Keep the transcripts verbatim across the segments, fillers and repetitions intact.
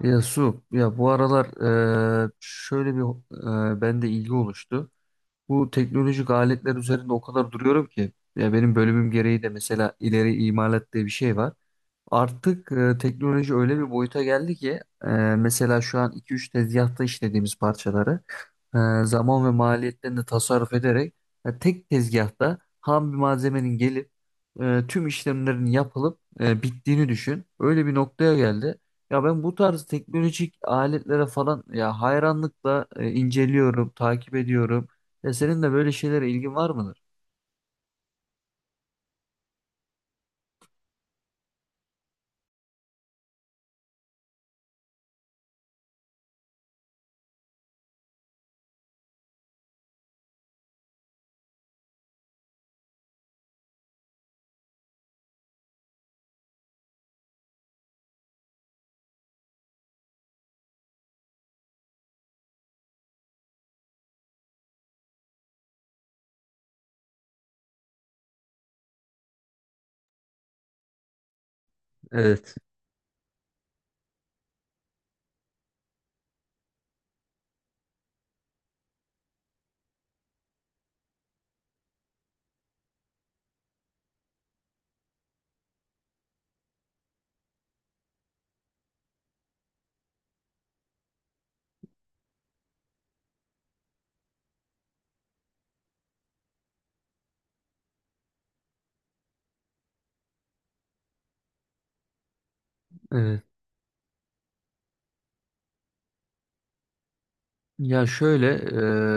Ya Su, ya bu aralar eee, şöyle bir eee bende ilgi oluştu. Bu teknolojik aletler üzerinde o kadar duruyorum ki ya benim bölümüm gereği de mesela ileri imalat diye bir şey var. Artık e, teknoloji öyle bir boyuta geldi ki e, mesela şu an iki üç tezgahta işlediğimiz parçaları e, zaman ve maliyetlerini tasarruf ederek e, tek tezgahta ham bir malzemenin gelip e, tüm işlemlerin yapılıp e, bittiğini düşün. Öyle bir noktaya geldi. Ya ben bu tarz teknolojik aletlere falan ya hayranlıkla e, inceliyorum, takip ediyorum. Ya senin de böyle şeylere ilgin var mıdır? Evet. Evet. Ya şöyle,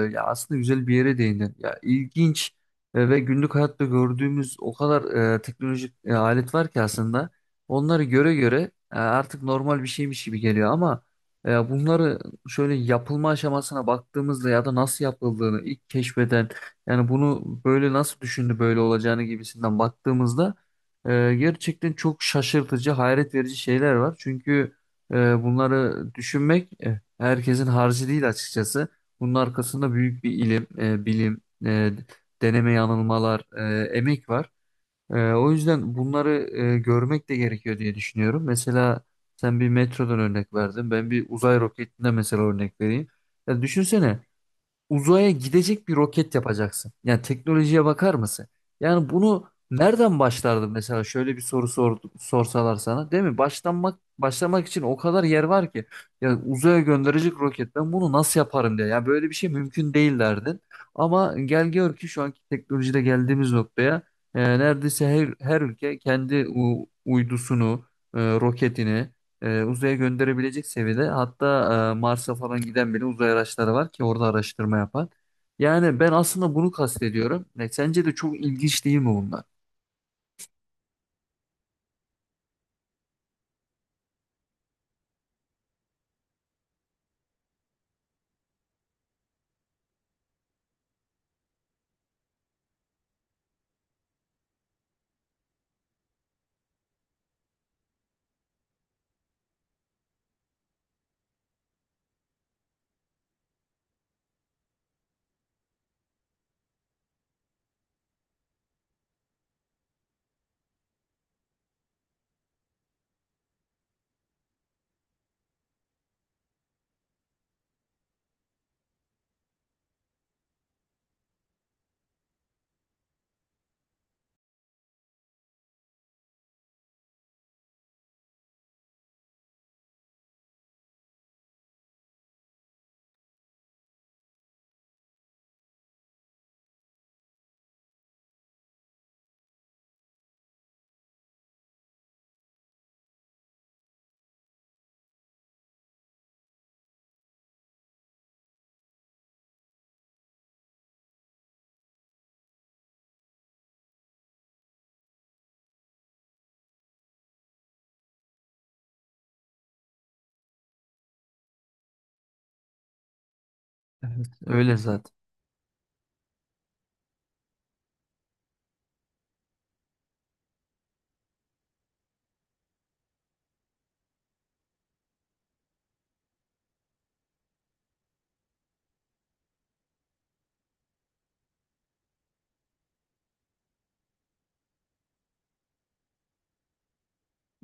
e, ya aslında güzel bir yere değindin. Ya ilginç e, ve günlük hayatta gördüğümüz o kadar e, teknolojik e, alet var ki aslında. Onları göre göre e, artık normal bir şeymiş gibi geliyor ama e, bunları şöyle yapılma aşamasına baktığımızda ya da nasıl yapıldığını ilk keşfeden yani bunu böyle nasıl düşündü böyle olacağını gibisinden baktığımızda e, gerçekten çok şaşırtıcı, hayret verici şeyler var. Çünkü e, bunları düşünmek herkesin harcı değil açıkçası. Bunun arkasında büyük bir ilim, e, bilim, e, deneme yanılmalar, e, emek var. E, o yüzden bunları e, görmek de gerekiyor diye düşünüyorum. Mesela sen bir metrodan örnek verdin. Ben bir uzay roketinden mesela örnek vereyim. Ya düşünsene uzaya gidecek bir roket yapacaksın. Yani teknolojiye bakar mısın? Yani bunu nereden başlardın mesela şöyle bir soru sor, sorsalar sana değil mi? Başlanmak başlamak için o kadar yer var ki. Yani uzaya gönderecek roket ben bunu nasıl yaparım diye. Yani böyle bir şey mümkün değil derdin. Ama gel gör ki şu anki teknolojide geldiğimiz noktaya e, neredeyse her, her ülke kendi u- uydusunu, e, roketini e, uzaya gönderebilecek seviyede hatta e, Mars'a falan giden bile uzay araçları var ki orada araştırma yapan. Yani ben aslında bunu kastediyorum. E, sence de çok ilginç değil mi bunlar? Öyle zaten.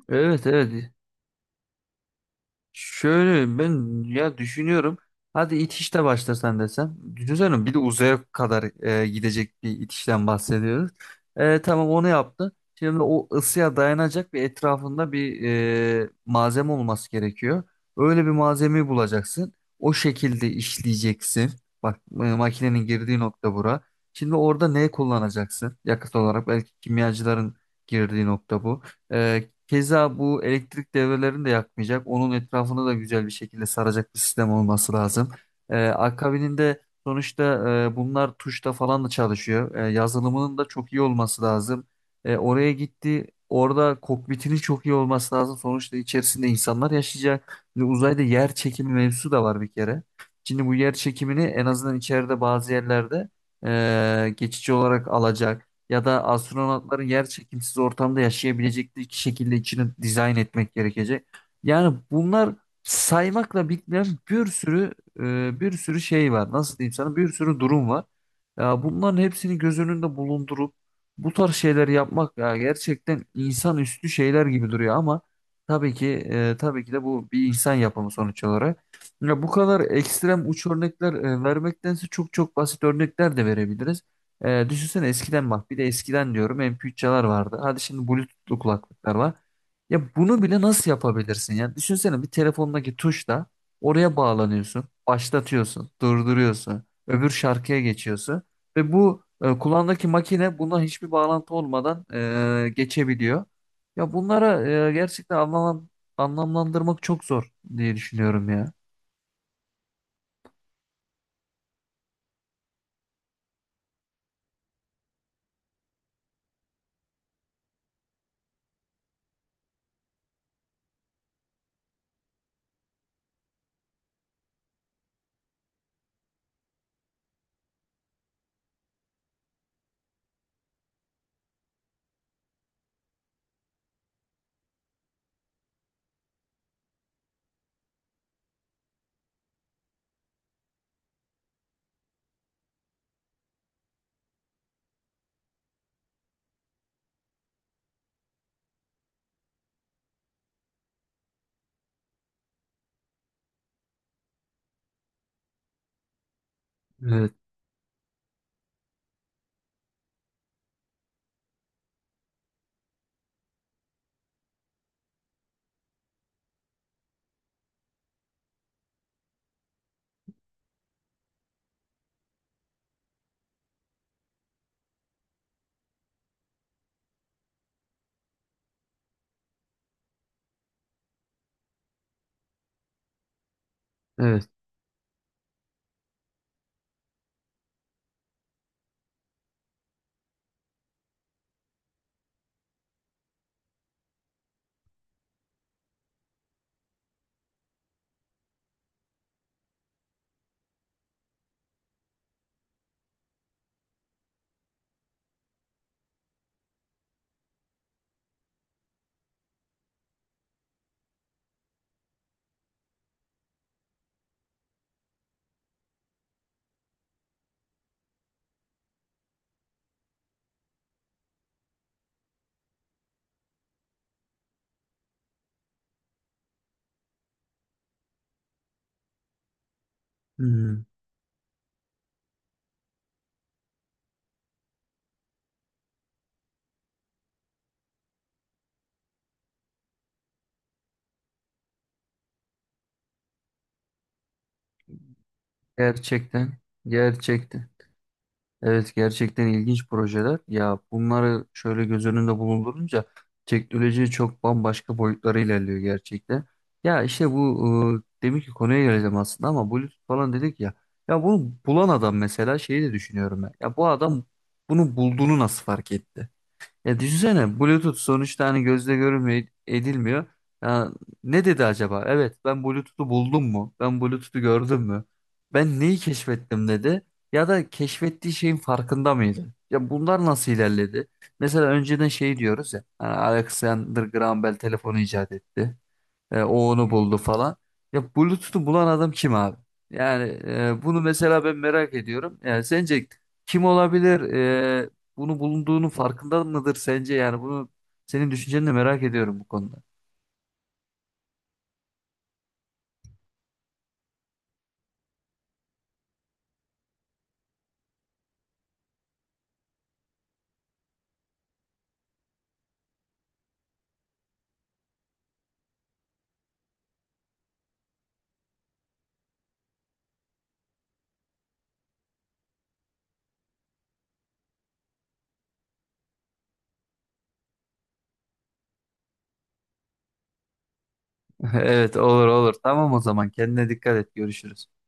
Evet, evet. Şöyle ben ya düşünüyorum. Hadi itişle başlasan desem. Düşünsene bir de uzaya kadar e, gidecek bir itişten bahsediyoruz. E, tamam onu yaptı. Şimdi o ısıya dayanacak bir etrafında bir e, malzeme olması gerekiyor. Öyle bir malzemeyi bulacaksın. O şekilde işleyeceksin. Bak e, makinenin girdiği nokta bura. Şimdi orada ne kullanacaksın? Yakıt olarak belki kimyacıların girdiği nokta bu. E, Keza bu elektrik devrelerini de yakmayacak. Onun etrafını da güzel bir şekilde saracak bir sistem olması lazım. Ee, akabininde sonuçta e, bunlar tuşla falan da çalışıyor. Ee, yazılımının da çok iyi olması lazım. Ee, oraya gitti. Orada kokpitinin çok iyi olması lazım. Sonuçta içerisinde insanlar yaşayacak. Şimdi uzayda yer çekimi mevzusu da var bir kere. Şimdi bu yer çekimini en azından içeride bazı yerlerde e, geçici olarak alacak ya da astronotların yer çekimsiz ortamda yaşayabilecekleri şekilde içini dizayn etmek gerekecek. Yani bunlar saymakla bitmeyen bir sürü e, bir sürü şey var. Nasıl diyeyim sana? Bir sürü durum var. Ya bunların hepsini göz önünde bulundurup bu tarz şeyler yapmak ya gerçekten insanüstü şeyler gibi duruyor ama tabii ki e, tabii ki de bu bir insan yapımı sonuç olarak. Ya bu kadar ekstrem uç örnekler e, vermektense çok çok basit örnekler de verebiliriz. Ee, düşünsene eskiden bak bir de eskiden diyorum M P üçler vardı. Hadi şimdi Bluetooth'lu kulaklıklar var. Ya bunu bile nasıl yapabilirsin? Yani düşünsene bir telefondaki tuşla oraya bağlanıyorsun, başlatıyorsun, durduruyorsun, öbür şarkıya geçiyorsun ve bu e, kulağındaki makine buna hiçbir bağlantı olmadan e, geçebiliyor. Ya bunlara e, gerçekten anlam anlamlandırmak çok zor diye düşünüyorum ya. Evet, evet. Hmm. Gerçekten, gerçekten. Evet gerçekten ilginç projeler. Ya bunları şöyle göz önünde bulundurunca teknoloji çok bambaşka boyutlara ilerliyor gerçekten. Ya işte bu e, demin ki konuya geleceğim aslında ama Bluetooth falan dedik ya. Ya bunu bulan adam mesela şeyi de düşünüyorum ben. Ya bu adam bunu bulduğunu nasıl fark etti? Ya düşünsene Bluetooth sonuçta hani gözle görülmüyor edilmiyor. Ya ne dedi acaba? Evet ben Bluetooth'u buldum mu? Ben Bluetooth'u gördüm mü? Ben neyi keşfettim dedi. Ya da keşfettiği şeyin farkında mıydı? Ya bunlar nasıl ilerledi? Mesela önceden şey diyoruz ya. Hani Alexander Graham Bell telefonu icat etti. E, o onu buldu falan. Ya Bluetooth'u bulan adam kim abi? Yani e, bunu mesela ben merak ediyorum. Yani sence kim olabilir? E, Bunu bulunduğunun farkında mıdır sence? Yani bunu senin düşünceni de merak ediyorum bu konuda. Evet olur olur. Tamam o zaman kendine dikkat et. Görüşürüz.